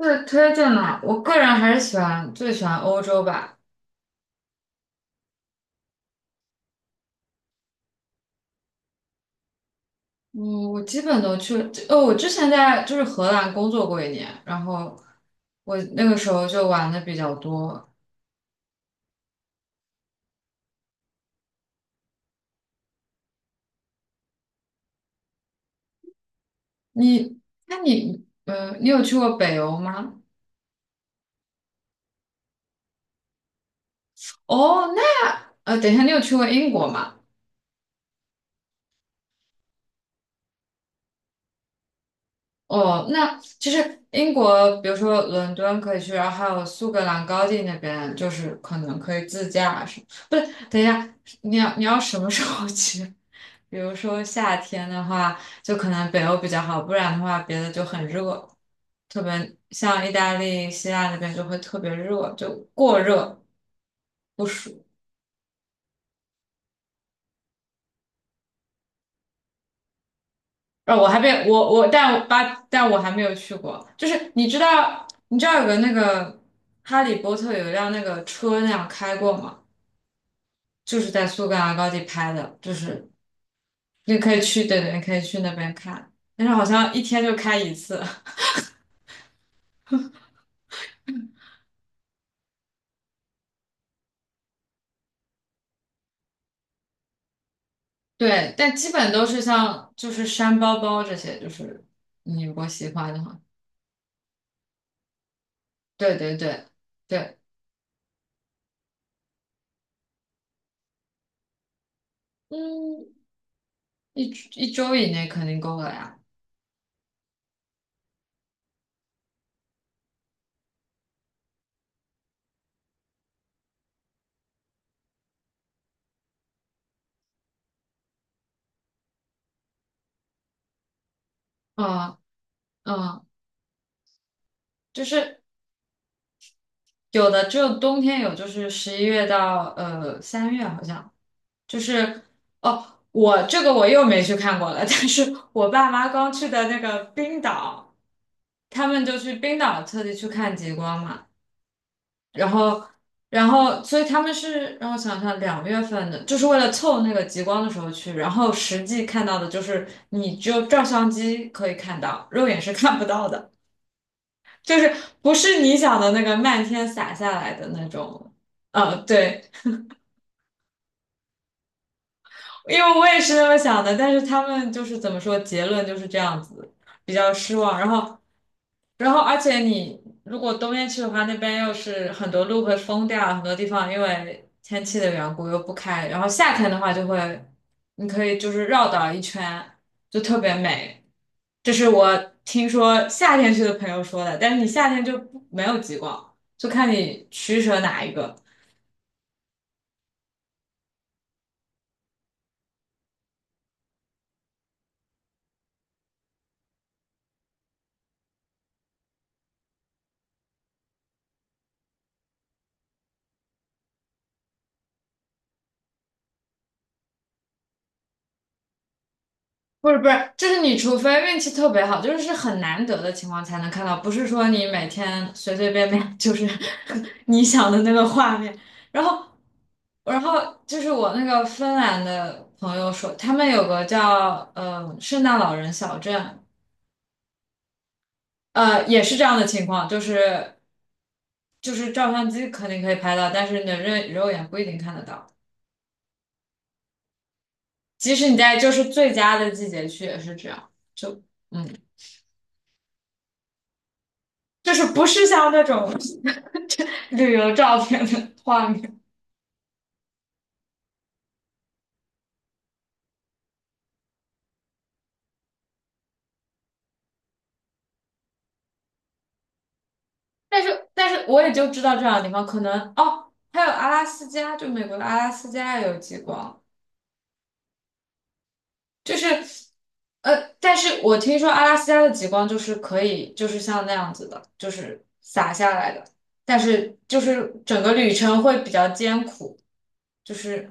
是推荐的，我个人还是最喜欢欧洲吧。嗯，我基本都去。哦，我之前在就是荷兰工作过一年，然后我那个时候就玩的比较多。你，那你有去过北欧吗？哦，那，等一下，你有去过英国吗？哦，那其实英国，比如说伦敦可以去，然后还有苏格兰高地那边，就是可能可以自驾是，不是，等一下，你要什么时候去？比如说夏天的话，就可能北欧比较好，不然的话别的就很热，特别像意大利、希腊那边就会特别热，就过热不暑。我还没我我，但我巴但我还没有去过。就是你知道有个那个《哈利波特》有一辆那个车那样开过吗？就是在苏格兰高地拍的，就是你可以去，对对，你可以去那边看，但是好像一天就开一次。对，但基本都是像就是山包包这些，就是你如果喜欢的话，对对对对。嗯，一一周以内肯定够了呀。嗯嗯，就是有的只有冬天有，就是11月到3月好像，就是哦，我这个我又没去看过了，但是我爸妈刚去的那个冰岛，他们就去冰岛特地去看极光嘛。然后，然后，所以他们是让我想想，2月份的，就是为了凑那个极光的时候去，然后实际看到的就是你只有照相机可以看到，肉眼是看不到的，就是不是你想的那个漫天洒下来的那种。对，因为我也是那么想的，但是他们就是怎么说，结论就是这样子，比较失望。然后而且你如果冬天去的话，那边又是很多路会封掉，很多地方因为天气的缘故又不开。然后夏天的话就会，你可以就是绕岛一圈，就特别美。这是我听说夏天去的朋友说的，但是你夏天就不没有极光，就看你取舍哪一个。不是不是，就是你除非运气特别好，就是是很难得的情况才能看到，不是说你每天随随便便就是 你想的那个画面。然后，然后就是我那个芬兰的朋友说，他们有个叫圣诞老人小镇，也是这样的情况，就是照相机肯定可以拍到，但是你的肉眼不一定看得到，即使你在就是最佳的季节去也是这样，就嗯。就是不是像那种旅游照片的画面。但是我也就知道这两个地方，可能哦，还有阿拉斯加，就美国的阿拉斯加也有极光，就是但是我听说阿拉斯加的极光就是可以，就是像那样子的，就是洒下来的，但是就是整个旅程会比较艰苦，就是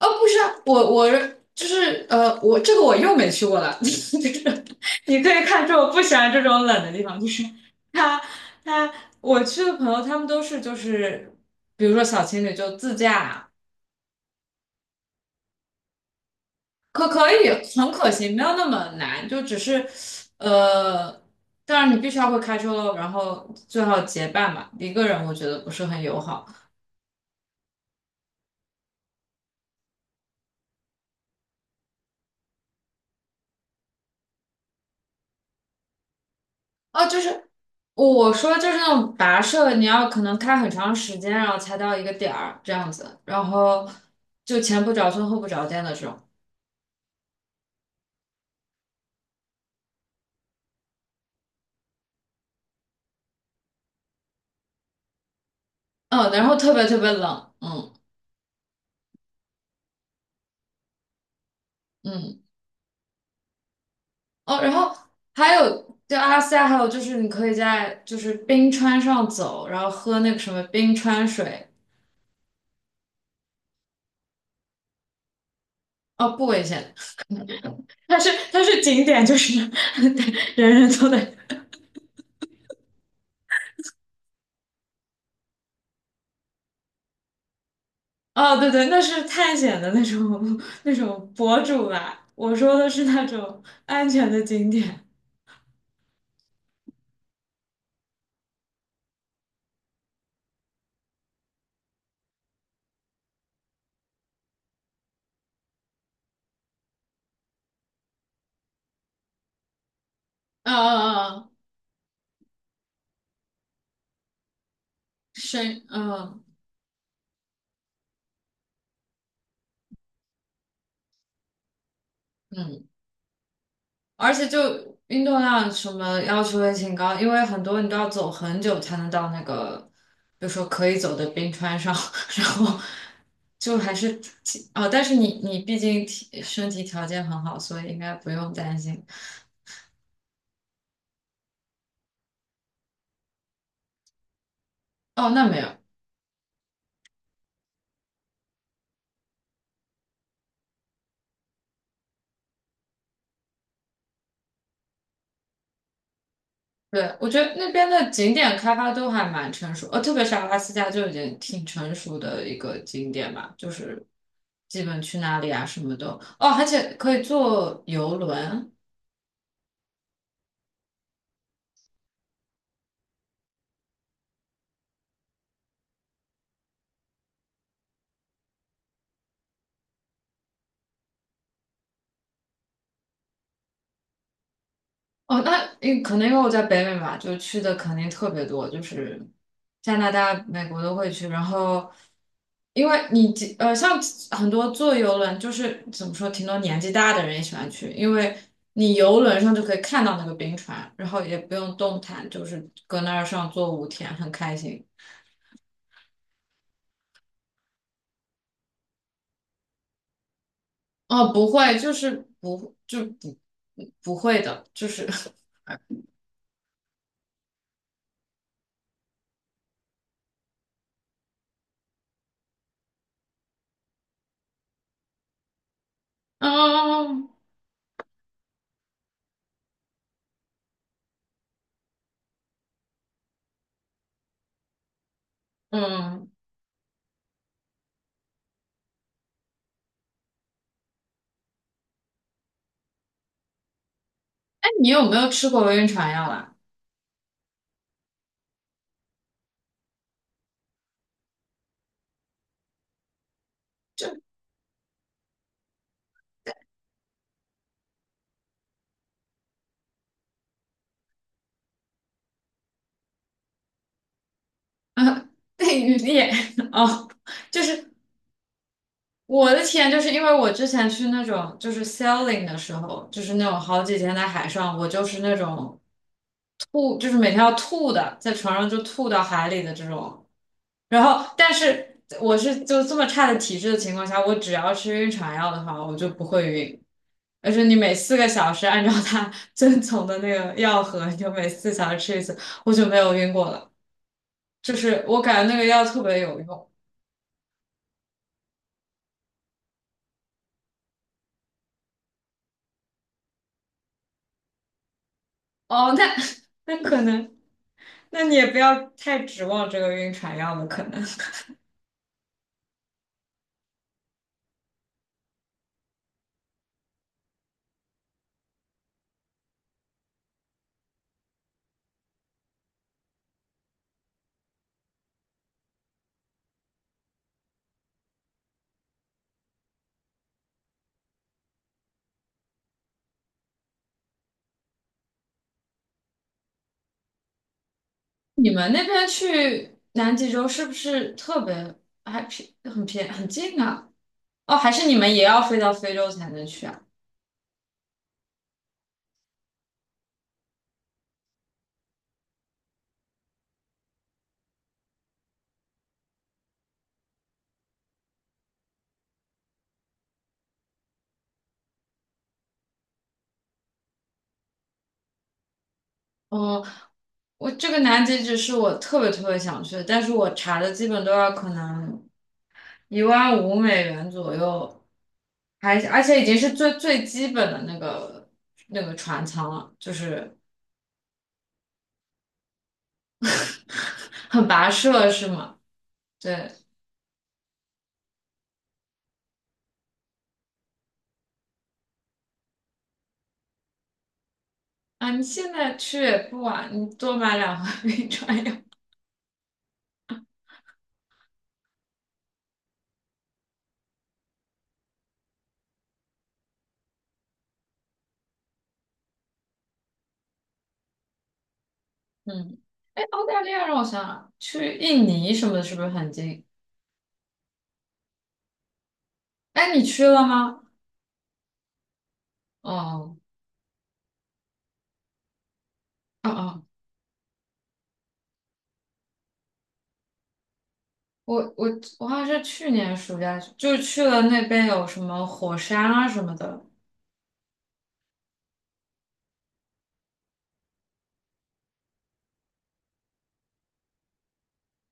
哦，不是啊，我就是我这个我又没去过了，就是你可以看出我不喜欢这种冷的地方，就是他他我去的朋友他们都是就是比如说小情侣就自驾，可以很可行，没有那么难，就只是呃，当然你必须要会开车喽，然后最好结伴吧，一个人我觉得不是很友好。哦，就是我说就是那种跋涉，你要可能开很长时间，然后才到一个点儿这样子，然后就前不着村后不着店的这种，嗯，然后特别特别冷，嗯嗯，哦，然后还有就阿拉斯加还有就是你可以在就是冰川上走，然后喝那个什么冰川水，哦，不危险，它是景点，就是 人人都得哦，对对，那是探险的那种 那种博主吧。我说的是那种安全的景点。嗯嗯嗯，深嗯嗯，而且就运动量什么要求也挺高，因为很多你都要走很久才能到那个，比如说可以走的冰川上，然后就还是挺哦，但是你毕竟体身体条件很好，所以应该不用担心。哦，那没有。对，我觉得那边的景点开发都还蛮成熟，特别是阿拉斯加就已经挺成熟的一个景点吧，就是基本去哪里啊什么的，哦，而且可以坐游轮，哦，那因可能因为我在北美嘛，就去的肯定特别多，就是加拿大、美国都会去。然后，因为你几像很多坐游轮，就是怎么说，挺多年纪大的人也喜欢去，因为你游轮上就可以看到那个冰川，然后也不用动弹，就是搁那儿上坐5天，很开心。哦，不会，就是不会的，就是 嗯嗯，哎，你有没有吃过晕船药啊？就。啊，被雨裂哦，就是我的体验，就是因为我之前去那种就是 sailing 的时候，就是那种好几天在海上，我就是那种吐，就是每天要吐的，在船上就吐到海里的这种。然后，但是我是就这么差的体质的情况下，我只要吃晕船药的话，我就不会晕。而且你每4个小时按照它 遵从的那个药盒，你就每4小时吃一次，我就没有晕过了。就是我感觉那个药特别有用，哦，那 那可能，那你也不要太指望这个晕船药了，可能。你们那边去南极洲是不是特别还便很便很近啊？哦，还是你们也要飞到非洲才能去啊？哦，我这个南极只是我特别特别想去的，但是我查的基本都要可能1.5万美元左右，还而且已经是最最基本的那个船舱了，就是 很跋涉是吗？对。啊，你现在去也不晚，你多买两盒冰川药。嗯，哎，澳大利亚让我想想，去印尼什么的，是不是很近？哎，你去了吗？哦，哦哦，我我我好像是去年暑假去就去了那边有什么火山啊什么的。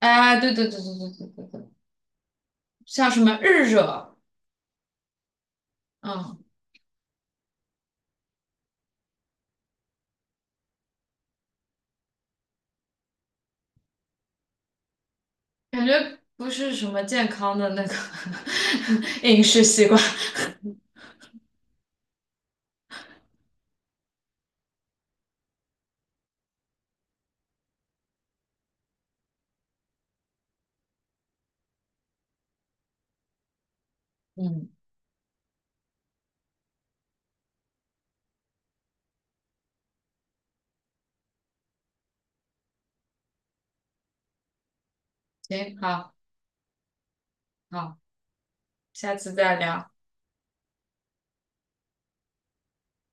哎，对对对对对对对对，像什么日惹，嗯，感觉不是什么健康的那个 饮食习惯。嗯，行，好，好，下次再聊。